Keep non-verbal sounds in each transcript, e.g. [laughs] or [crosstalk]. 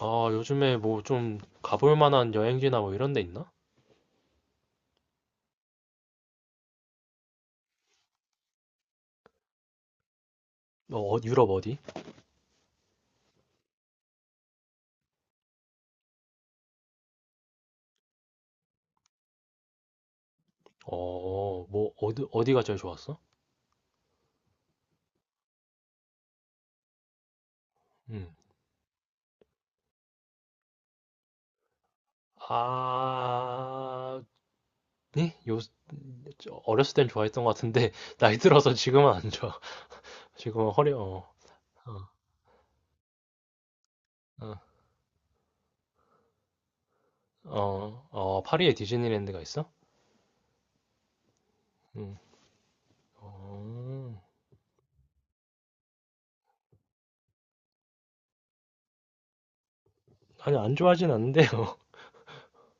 아, 요즘에 뭐 좀 가볼 만한 여행지나 뭐 이런 데 있나? 어, 어, 유럽 어디? 어, 뭐 어디 어디가 제일 좋았어? 음. 아, 네? 요 어렸을 땐 좋아했던 것 같은데 [laughs] 나이 들어서 지금은 안 좋아. [laughs] 지금은 허리 어. 어. 어, 어, 어, 파리에 디즈니랜드가 있어? 음. 어. 아니, 안 좋아하진 않는데요.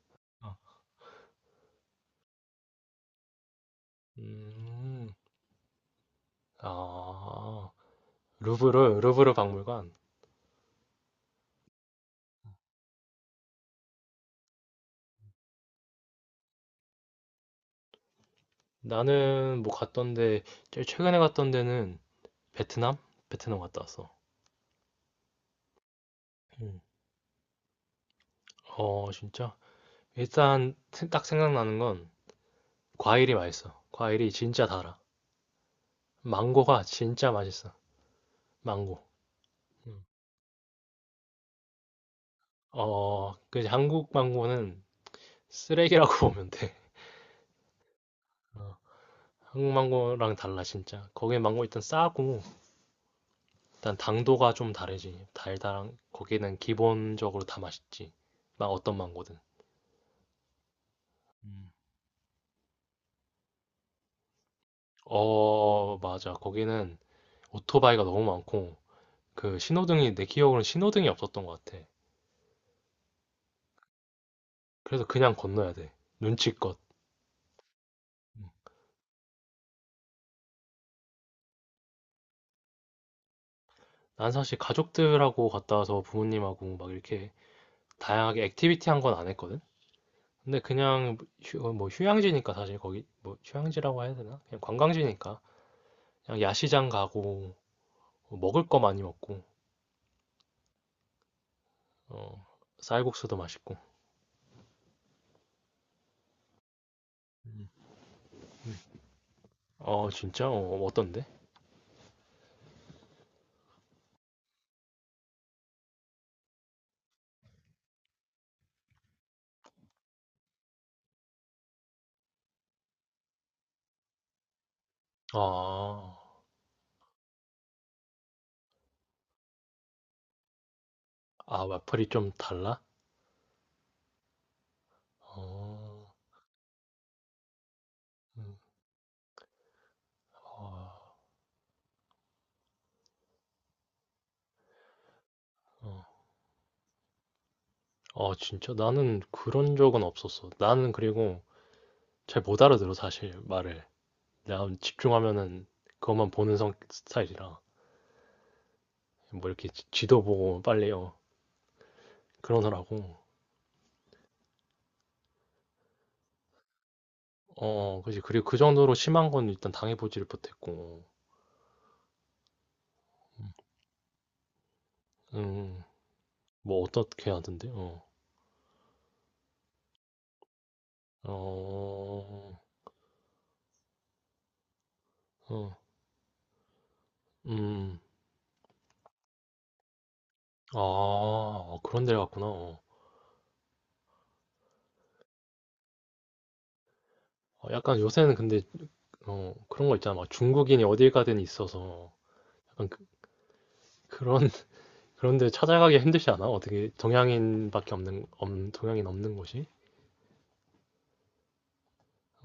[laughs] 어. 음. 아. 루브르 박물관. 나는 뭐 갔던데 제일 최근에 갔던 데는 베트남? 베트남 갔다 왔어. 음. 어 진짜 일단 딱 생각나는 건 과일이 맛있어. 과일이 진짜 달아. 망고가 진짜 맛있어. 망고. 음. 어, 그 한국 망고는 쓰레기라고 [laughs] 보면 돼. 어, 한국 망고랑 달라 진짜. 거기 망고 일단 싸고 일단 당도가 좀 다르지. 달달한 거기는 기본적으로 다 맛있지. 막 어떤 망고든. 음. 어, 맞아. 거기는 오토바이가 너무 많고 그 신호등이 내 기억으로는 신호등이 없었던 것 같아. 그래서 그냥 건너야 돼. 눈치껏. 난 사실 가족들하고 갔다 와서 부모님하고 막 이렇게 다양하게 액티비티 한 건 안 했거든. 근데 그냥 어, 뭐 휴양지니까 사실 거기 뭐 휴양지라고 해야 되나? 그냥 관광지니까 그냥 야시장 가고 뭐 먹을 거 많이 먹고 어, 쌀국수도 맛있고. 어 진짜? 어, 어떤데? 아, 아 와플이 좀 달라? 어, 음, 아, 어. 아 진짜? 나는 그런 적은 없었어. 나는 그리고 잘 못 알아들어 사실 말을. 나 집중하면은 그것만 보는 성 스타일이라 뭐 이렇게 지도 보고 빨리 어 그러느라고. 어, 어, 그지. 그리고 그 정도로 심한 건 일단 당해보지를 못했고. 음, 음, 뭐 어떻게 하던데? 어, 어, 어, 음, 아, 그런 데가 갔구나. 어. 어, 약간 요새는 근데 어 그런 거 있잖아. 막 중국인이 어딜 가든 있어서 약간 그, 그런 그런데 찾아가기 힘들지 않아? 어떻게 동양인밖에 없는 동양인 없는 곳이?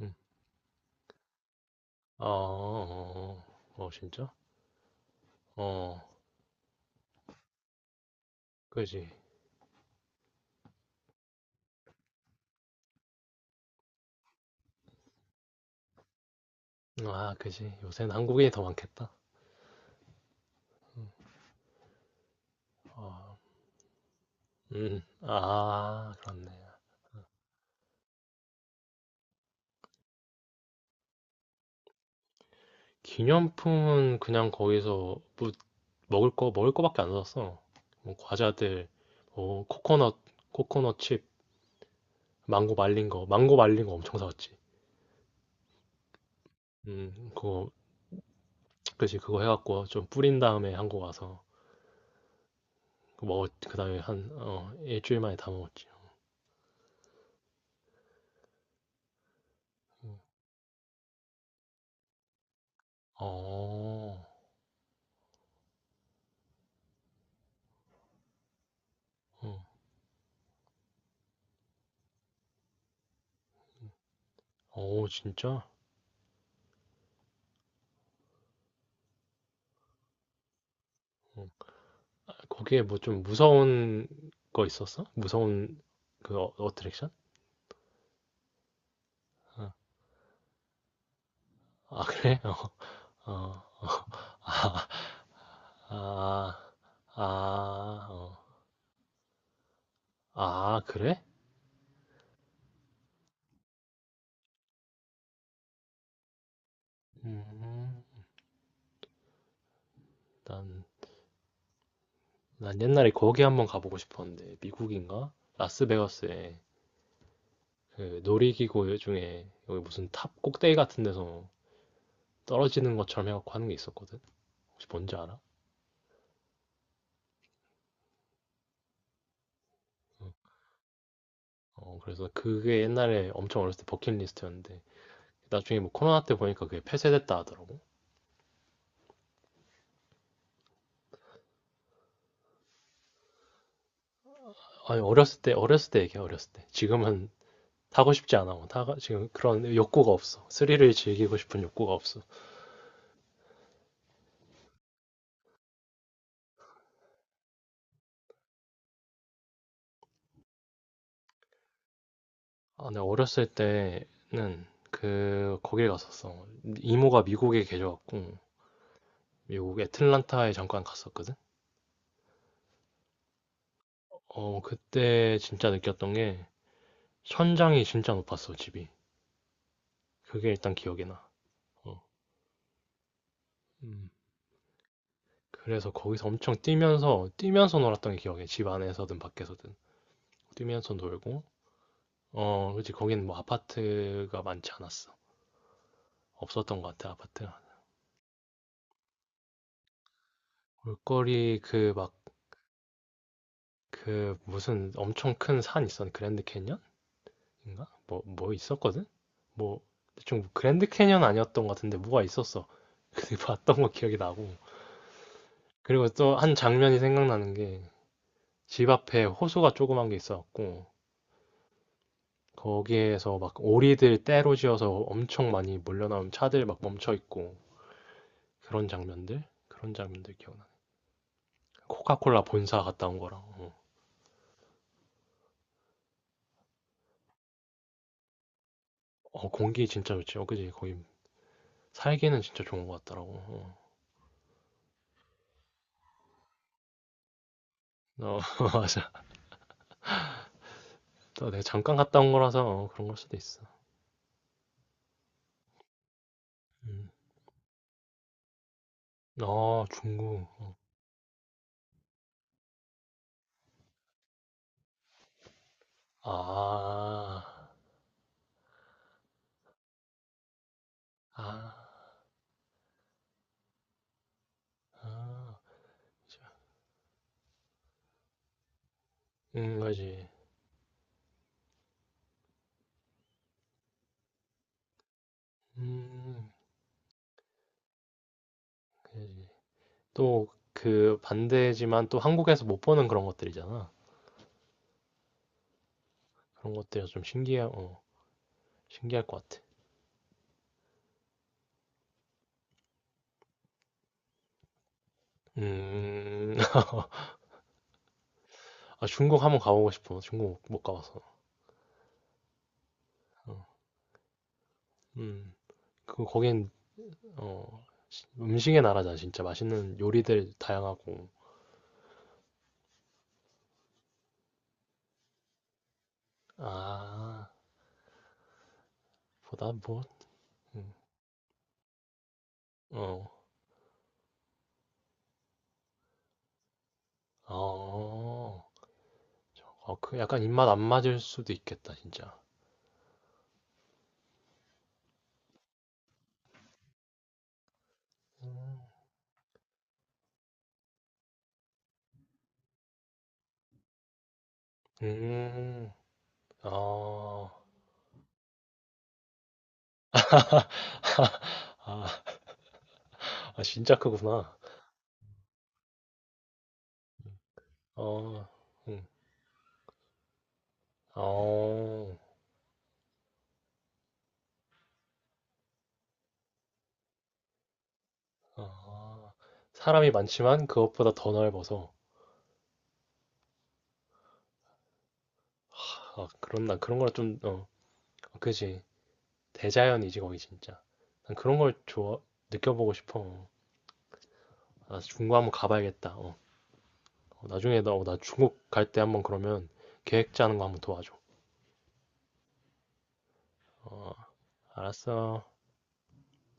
응. 어, 어, 어, 어, 어, 진짜? 어, 그지. 아, 그지. 요새는 한국인이 더 많겠다. 어, 아, 그렇네. 기념품은 그냥 거기서 뭐 먹을 거밖에 안 샀어. 뭐 과자들, 뭐 코코넛, 코코넛 칩, 망고 말린 거, 망고 말린 거 엄청 사왔지. 그거, 그지. 그거 해갖고 좀 뿌린 다음에 한국 와서. 그 먹었, 그 다음에 한, 어, 일주일 만에 다 먹었지. 음. 어, 어, 어, 진짜? 음. 거기에 뭐 좀 무서운 거 있었어? 무서운 그 어, 어트랙션? 어. 아, 그래? [laughs] 어, 어. 아, 아, 아, 어. 아, 그래? 음, 난, 난 옛날에 거기 한번 가보고 싶었는데, 미국인가? 라스베가스에 그 놀이기구 중에 여기 무슨 탑 꼭대기 같은 데서 떨어지는 것처럼 해갖고 하는 게 있었거든. 혹시 뭔지 알아? 응. 어, 그래서 그게 옛날에 엄청 어렸을 때 버킷리스트였는데 나중에 뭐 코로나 때 보니까 그게 폐쇄됐다 하더라고. 아니 어렸을 때 어렸을 때 얘기야 어렸을 때. 지금은 타고 싶지 않아. 뭐 타가 지금 그런 욕구가 없어. 스릴을 즐기고 싶은 욕구가 없어. 아, 내가 어렸을 때는 그 거길 갔었어. 이모가 미국에 계셔갖고 미국 애틀란타에 잠깐 갔었거든. 어 그때 진짜 느꼈던 게 천장이 진짜 높았어 집이. 그게 일단 기억에 나. 어. 음. 그래서 거기서 엄청 뛰면서 뛰면서 놀았던 게 기억해. 집 안에서든 밖에서든 뛰면서 놀고. 어, 그렇지. 거긴 뭐 아파트가 많지 않았어. 없었던 것 같아, 아파트가. 볼거리 그 막 그 무슨 엄청 큰 산 있었는 그랜드 캐니언인가? 뭐 뭐 있었거든? 뭐 대충 뭐 그랜드 캐니언 아니었던 것 같은데 뭐가 있었어. [laughs] 근데 봤던 거 기억이 나고. 그리고 또 한 장면이 생각나는 게 집 앞에 호수가 조그만 게 있어갖고 거기에서 막 오리들 떼로 지어서 엄청 많이 몰려나온 차들 막 멈춰 있고 그런 장면들 그런 장면들 기억나. 코카콜라 본사 갔다 온 거랑 어, 어, 공기 진짜 좋지. 어 그지 거기 살기는 진짜 좋은 것 같더라고. 어, 어, [laughs] 맞아. 또 내가 잠깐 갔다 온 거라서 어, 그런 걸 수도 있어. 음. 아 중국. 아, 아, 아, 그지. 음, 그지. 또 그 반대지만 또 한국에서 못 보는 그런 것들이잖아. 그런 것들이 좀 신기해, 어, 신기할 것 같아. 음, [laughs] 아, 중국 한번 가보고 싶어. 중국 못 가봐서. 어, 음, 그, 거긴, 어, 음식의 나라잖아, 진짜. 맛있는 요리들 다양하고. 아, 보다 뭐, 음, 어, 어, 어, 그 약간 입맛 안 맞을 수도 있겠다, 진짜. 음, 음, 어, [laughs] 아, 아, 진짜 크구나. 어, 음, 어. 아, 사람이 많지만 그것보다 더 넓어서. 아, 그럼 난 그런 걸 좀, 어, 그지. 대자연이지, 거기 진짜. 난 그런 걸 좋아, 느껴보고 싶어. 아, 중국 한번 가봐야겠다. 어, 어, 나중에 너, 나 중국 갈 때 한번 그러면 계획 짜는 거 한번 도와줘. 어, 알았어.